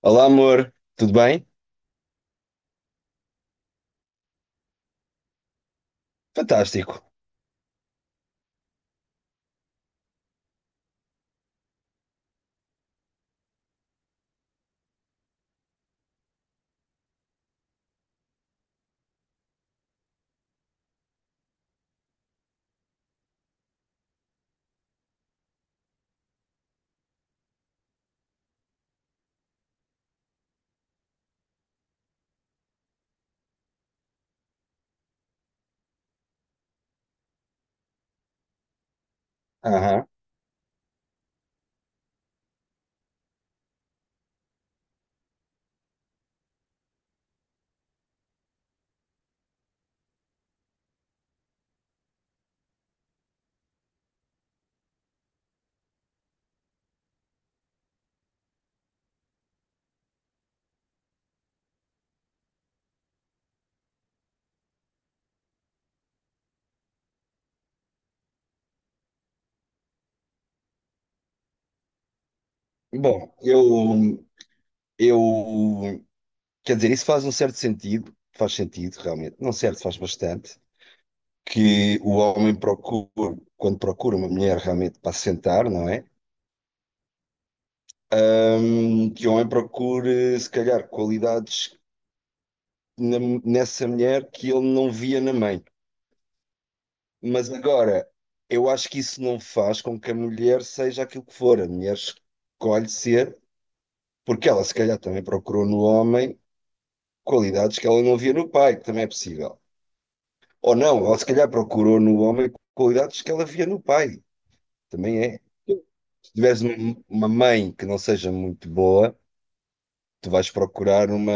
Olá, amor, tudo bem? Fantástico. Aham. Bom, eu, quer dizer, isso faz um certo sentido, faz sentido, realmente, não certo, faz bastante, que o homem procure, quando procura uma mulher realmente para se sentar, não é? Que o homem procure, se calhar, qualidades na- nessa mulher que ele não via na mãe. Mas agora, eu acho que isso não faz com que a mulher seja aquilo que for, a mulher escolhe ser. Porque ela, se calhar, também procurou no homem qualidades que ela não via no pai, que também é possível. Ou não, ela, se calhar, procurou no homem qualidades que ela via no pai, também é. Se tiveres uma mãe que não seja muito boa, tu vais procurar uma,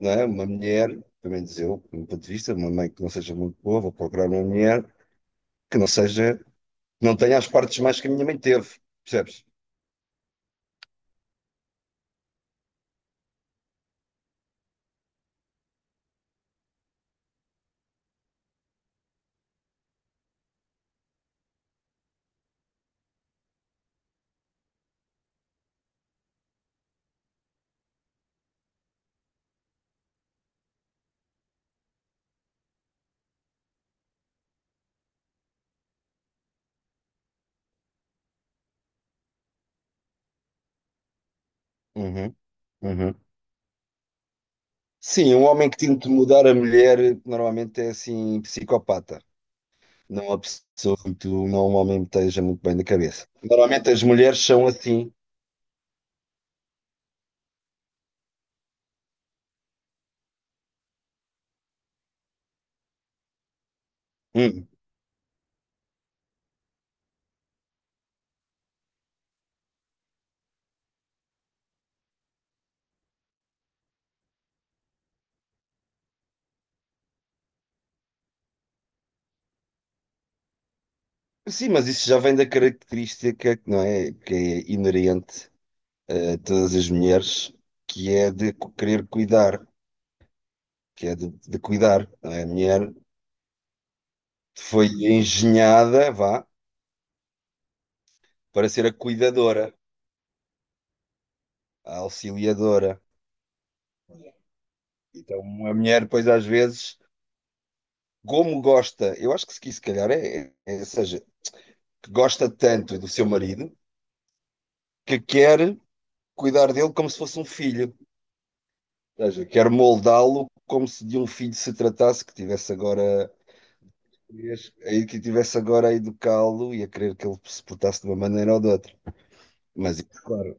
não é? Uma mulher, pelo menos eu, do meu ponto de vista, uma mãe que não seja muito boa, vou procurar uma mulher que não seja, que não tenha as partes mais que a minha mãe teve, percebes? Uhum, uhum. Sim, um homem que tenta mudar a mulher normalmente é assim psicopata. Não há pessoa que tu não homem esteja muito bem da cabeça. Normalmente as mulheres são assim. Hum. Sim, mas isso já vem da característica que não é que é inerente a todas as mulheres, que é de querer cuidar, que é de cuidar. Não é? A mulher foi engenhada, vá, para ser a cuidadora, a auxiliadora. Então, a mulher, pois, às vezes, como gosta, eu acho que se calhar é, é, é- seja, que gosta tanto do seu marido que quer cuidar dele como se fosse um filho. Ou seja, quero moldá-lo como se de um filho se tratasse, que tivesse agora a educá-lo e a querer que ele se portasse de uma maneira ou de outra. Mas isso, claro,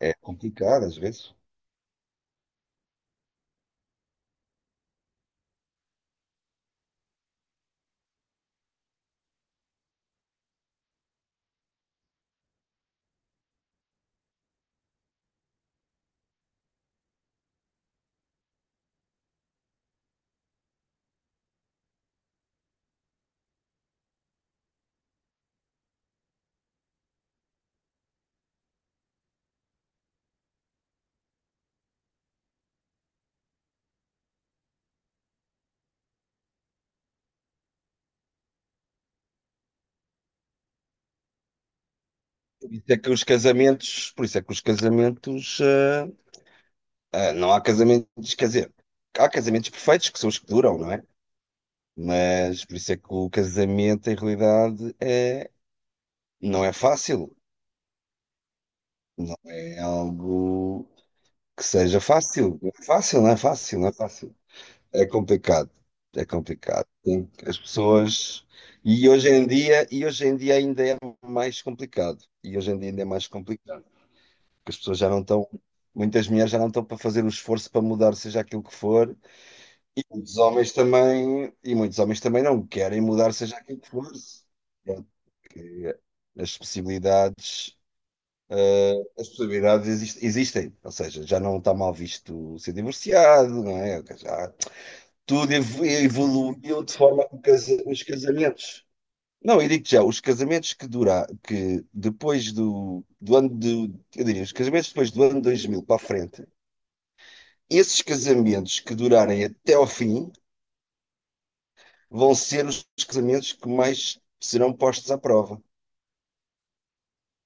é complicado às vezes. Por isso é que os casamentos, não há casamentos, quer dizer, há casamentos perfeitos que são os que duram, não é? Mas por isso é que o casamento, em realidade, é, não é fácil, não é algo que seja fácil. Fácil, não é fácil, não é fácil. É complicado. É complicado. Tem- As pessoas. E hoje em dia ainda é mais complicado. E hoje em dia ainda é mais complicado. Porque as pessoas já não estão. Muitas mulheres já não estão para fazer o esforço para mudar, seja aquilo que for. E muitos homens também. E muitos homens também não querem mudar, seja aquilo que for. Porque as possibilidades. As possibilidades existem, ou seja, já não está mal visto ser divorciado, não é? Já, tudo evoluiu de forma que o os casamentos. Não, eu digo já, os casamentos que durar, que depois do, do ano do, eu diria, os casamentos depois do ano 2000 para a frente, esses casamentos que durarem até ao fim vão ser os casamentos que mais serão postos à prova.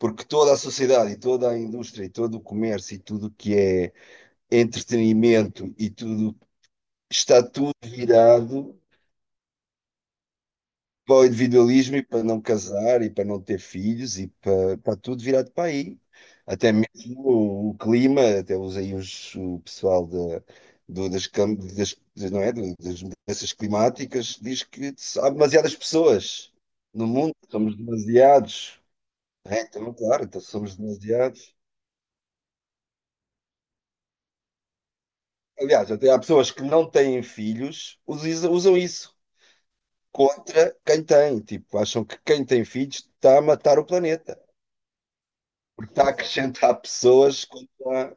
Porque toda a sociedade e toda a indústria e todo o comércio e tudo o que é entretenimento e tudo está tudo virado para o individualismo e para não casar e para não ter filhos e para, está tudo virado para aí. Até mesmo o clima, até os, aí os, o pessoal da, do, das, cam- das, das- não é, das mudanças climáticas diz que há demasiadas pessoas no mundo, somos demasiados. É, então, claro, então somos demasiados. Aliás, até há pessoas que não têm filhos, usam isso contra quem tem. Tipo, acham que quem tem filhos está a matar o planeta, porque está a acrescentar pessoas contra.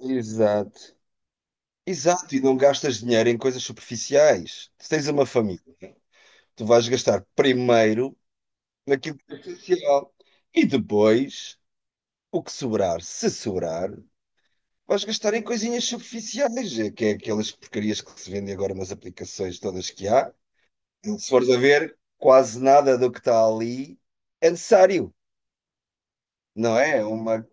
Exato. Exato, e não gastas dinheiro em coisas superficiais. Se tens uma família, tu vais gastar primeiro naquilo que é essencial e depois o que sobrar, se sobrar, vais gastar em coisinhas superficiais, é que é aquelas porcarias que se vendem agora nas aplicações todas que há. Se fores a ver, quase nada do que está ali é necessário. Não é? Uma...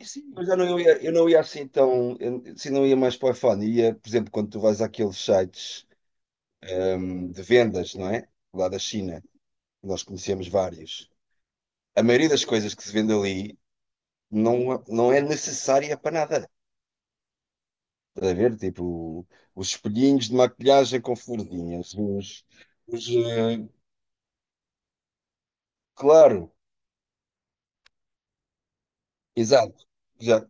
E sim, mas eu não ia assim tão. Eu, se não ia mais para o iPhone, ia, por exemplo, quando tu vais àqueles sites de vendas, não é? Lá da China, nós conhecemos vários. A maioria das coisas que se vende ali não, não é necessária para nada. Estás a ver? Tipo, os espelhinhos de maquilhagem com florzinhas, os. Os eh, claro, exato. Já,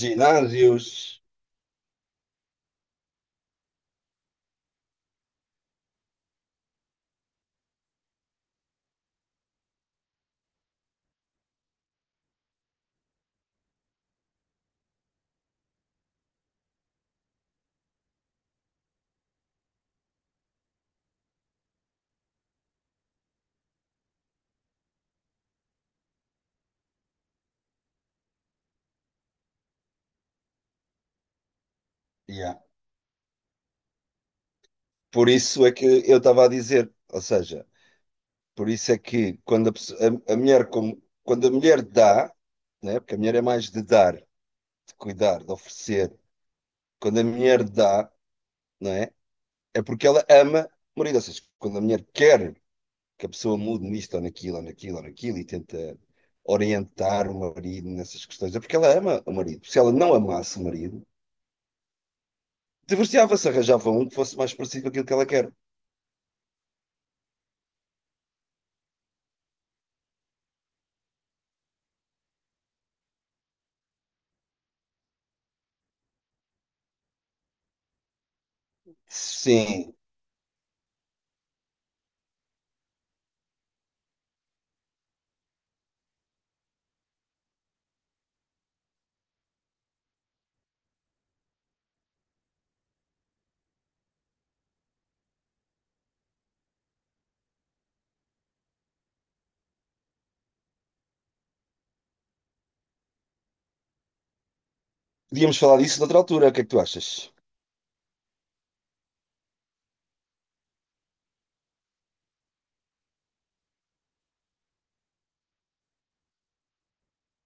ginásios. Yeah. Por isso é que eu estava a dizer, ou seja. Por isso é que quando a mulher, quando a mulher dá, né? Porque a mulher é mais de dar, de cuidar, de oferecer, quando a mulher dá, não é? É porque ela ama o marido. Ou seja, quando a mulher quer que a pessoa mude nisto ou naquilo ou naquilo ou naquilo e tenta orientar o marido nessas questões, é porque ela ama o marido. Se ela não amasse o marido, divorciava-se, arranjava um que fosse mais parecido com aquilo que ela quer. Sim, podíamos falar disso noutra altura. O que é que tu achas?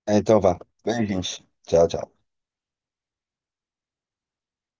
Então vá. Beijinhos. Tchau, tchau.